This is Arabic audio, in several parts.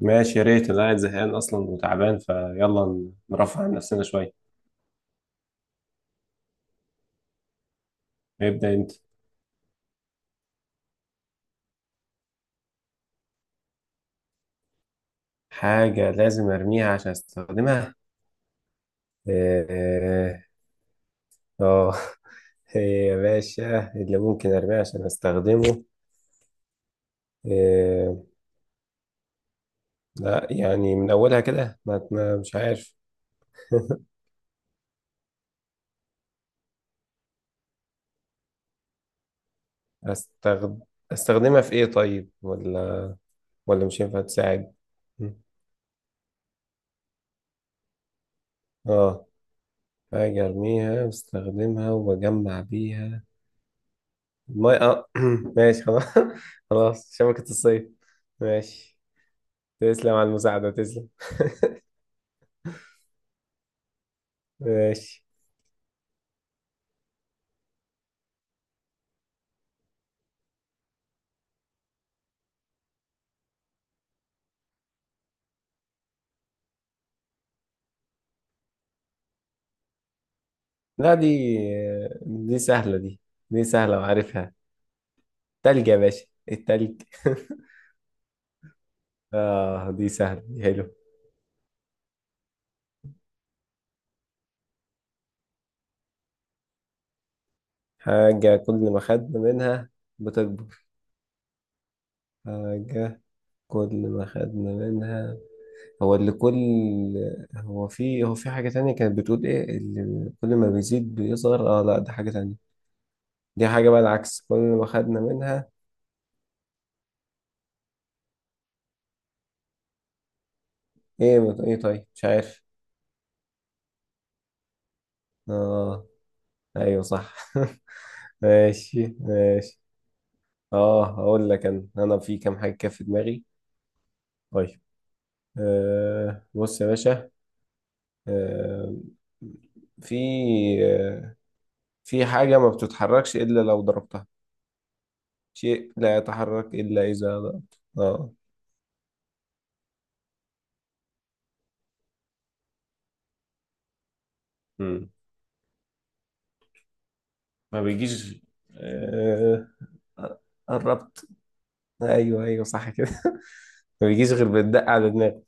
ماشي، يا ريت. انا قاعد زهقان اصلا وتعبان، فيلا نرفع عن نفسنا شويه. ابدا انت. حاجه لازم ارميها عشان استخدمها. اه، اه آه. إيه يا باشا اللي ممكن ارميه عشان استخدمه؟ إيه؟ لا يعني من اولها كده مش عارف. استخد... استخدمها في ايه طيب، ولا؟ ولا مش هينفع تساعد؟ اه، حاجه ارميها واستخدمها وبجمع بيها. الماي، اه ماشي خلاص. خلاص، شبكة الصيد. ماشي. تسلم على المساعدة، تسلم. ماشي. لا، دي دي سهلة، دي دي سهلة وعارفها. تلج يا باشا، التلج. اه دي سهلة دي، حلو. حاجة كل ما خدنا منها بتكبر. حاجة كل ما خدنا منها، هو اللي كل، هو في، هو في حاجة تانية كانت بتقول ايه اللي كل ما بيزيد بيصغر. اه لا، دي حاجة تانية. دي حاجة بقى العكس كل ما خدنا منها. ايه طيب، مش عارف. اه، ايوه صح. ماشي ماشي. اه، هقول لك انا، انا في كام حاجه كده في دماغي. طيب، آه بص يا باشا. آه، في، آه، في حاجه ما بتتحركش الا لو ضربتها. شيء لا يتحرك الا اذا ضربت، اه. مم. ما بيجيش. آه قربت. ايوه ايوه صح كده. ما بيجيش غير بالدق على دماغك.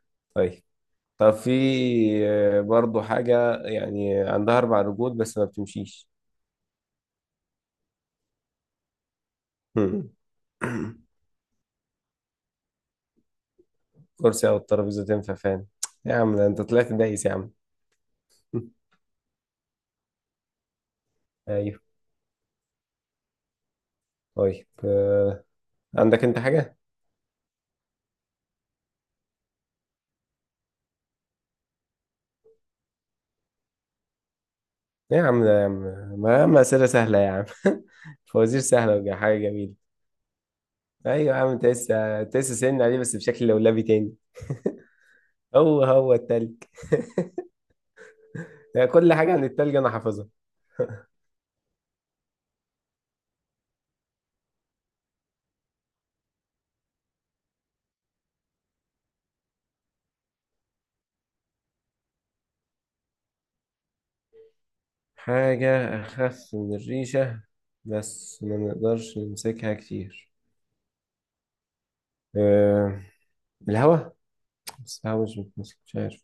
طيب، طب في، آه، برضو حاجة يعني عندها أربع رجول بس ما بتمشيش. هم. كرسي أو الترابيزة تنفع فين؟ يا عم ده أنت طلعت دايس يا عم. أيوه. طيب آه، عندك أنت حاجة؟ يا عم ده، يا عم ما أسئلة سهلة يا عم. فوازير سهلة وحاجة جميلة. أيوه يا عم، أنت لسه أنت لسه سن عليه بس بشكل لولبي تاني. هو هو التلج. يعني كل حاجة عن التلج أنا حافظها. حاجة أخف من الريشة بس ما نقدرش نمسكها كتير. آه، الهواء. بس الهواء مش بتمسك، مش عارف.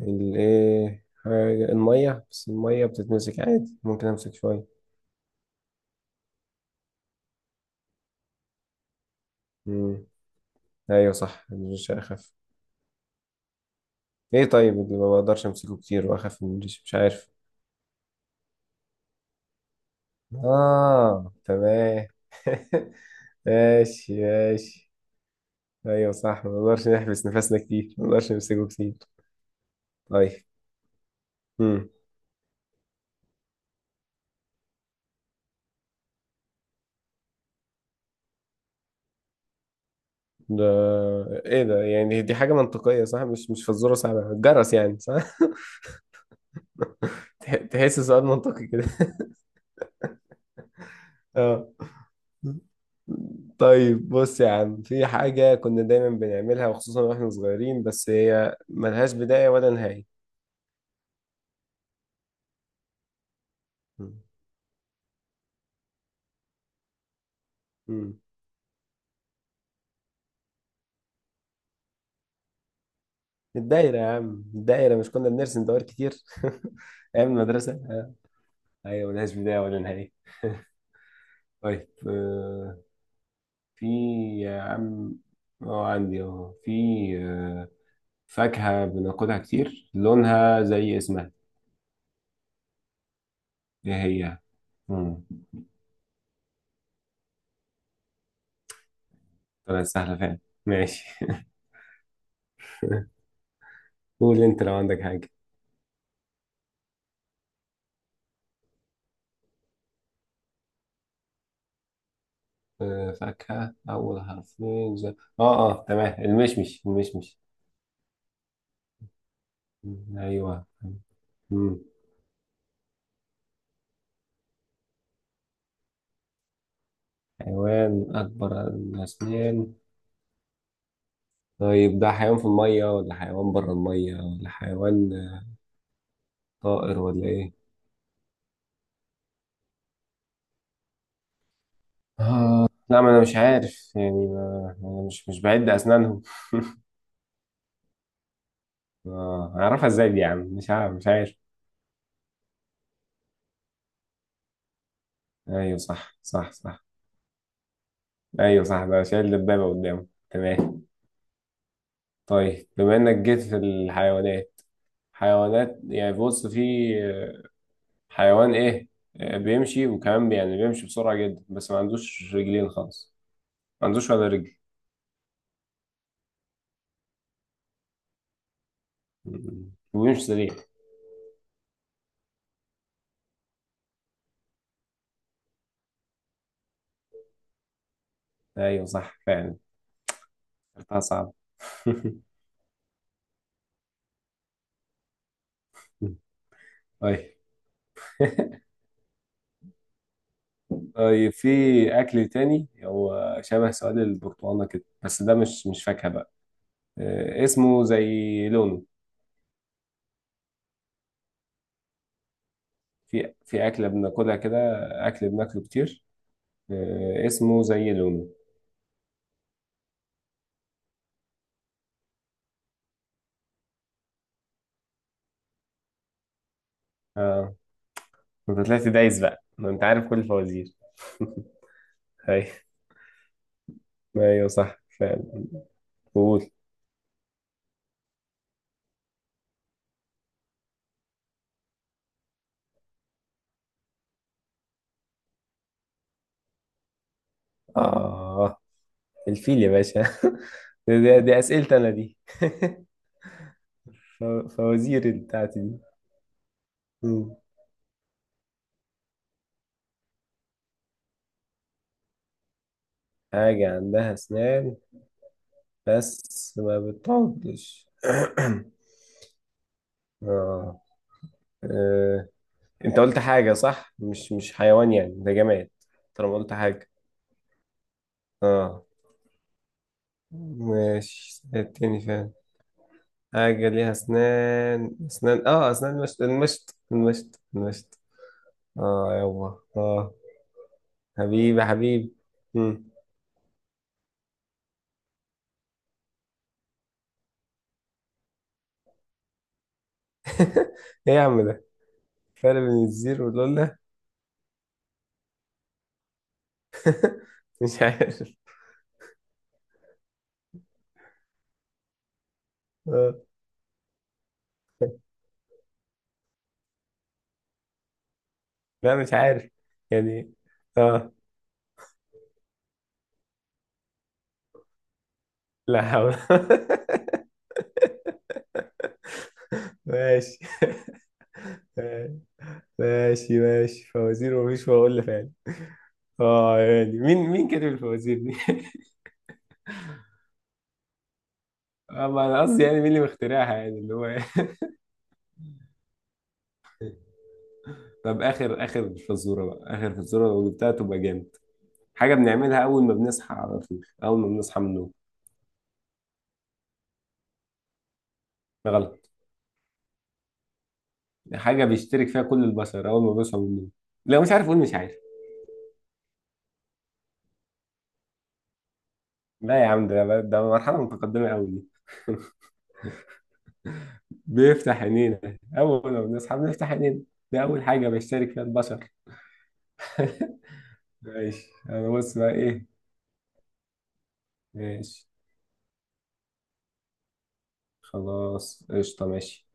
الايه، حاجة المية، بس المية بتتمسك عادي ممكن امسك شوية. مم. ايوه صح الريش اخف. ايه طيب اللي ما بقدرش امسكه كتير واخف من الريش؟ مش عارف. اه تمام. ماشي ماشي. ايوه صح، ما نقدرش نحبس نفسنا كتير، ما نقدرش نمسكه كتير. طيب. مم. ده، ايه ده؟ يعني دي حاجة منطقية صح، مش مش فزورة صعبة، الجرس يعني صح. تحس سؤال منطقي كده. اه طيب، بص يا عم في حاجة كنا دايما بنعملها وخصوصا واحنا صغيرين بس هي ملهاش بداية ولا نهاية. مم. مم. الدايرة يا عم، الدايرة. مش كنا بنرسم دوائر كتير؟ أيام المدرسة آه. أيوة ملهاش بداية ولا نهاية. طيب آه، في، يا عم، أه عندي أهو، في، آه، فاكهة بناكلها كتير لونها زي اسمها، إيه هي؟ مم. طلعت سهلة فعلا، ماشي. قول أنت لو عندك حاجة. آه، فاكهة أول حرفين آه آه تمام، المشمش المشمش. مم، أيوه. مم. حيوان أكبر الأسنان. طيب ده حيوان في المية ولا حيوان بره المية، ولا حيوان طائر ولا إيه؟ آه لا، ما أنا مش عارف يعني، ما أنا مش مش بعد أسنانهم. آه أعرفها إزاي دي يا عم، مش عارف مش عارف. أيوه صح صح صح. أيوه صح ده شايل دبابة قدامه، تمام. طيب بما إنك جيت في الحيوانات، حيوانات يعني بص في حيوان ايه، آه، بيمشي وكمان يعني بيمشي بسرعة جدا بس ما عندوش رجلين خالص، ما عندوش ولا رجل وبيمشي سريع. ايوه صح فعلا. اختها صعب. طيب. طيب في اكل تاني هو شبه سؤال البرتقالة كده، بس ده مش مش فاكهة بقى. آه، اسمه زي لونه. في، في اكلة بناكلها كده، اكل بناكله كتير، آه، اسمه زي لونه. آه. انت طلعت دايس بقى ما انت عارف كل الفوازير. ايوه، ايوه صح فعلا. قول. اه، الفيل يا باشا. دي, دي, دي اسئلتي انا دي. ف- فوازير بتاعتي دي. مم. حاجة عندها اسنان بس ما بتعضش. آه. آه. انت قلت حاجة صح، مش مش حيوان يعني ده جماد. طالما قلت حاجة، اه ماشي التاني فعلا. حاجة ليها أسنان، أسنان، آه أسنان المشط، المشط المشط المشط. آه يابا آه. حبيبي حبيبي. مم. إيه يا عم ده، فرق بين الزير واللولة؟ مش عارف. آه لا، مش عارف يعني، آه، لا حول. ماشي، ماشي ماشي، فوازير ومفيش فواصيل فعلا. آه يعني مين، مين كاتب الفوازير دي؟ آه ما أنا قصدي يعني مين اللي مخترعها، يعني اللي هو. طب آخر، آخر فزورة بقى، آخر فزورة لو جبتها تبقى جامد. حاجة بنعملها أول ما بنصحى على طول، أول ما بنصحى من النوم. غلط. حاجة بيشترك فيها كل البشر أول ما بيصحى من النوم. لو مش عارف قول مش عارف. لا يا عم ده، ده مرحلة متقدمة أوي دي. بيفتح عينينا، أول ما بنصحى بنفتح عينينا. ده أول حاجة بيشترك فيها البشر. ماشي، أنا بص بقى إيه. ماشي. خلاص قشطة، ماشي.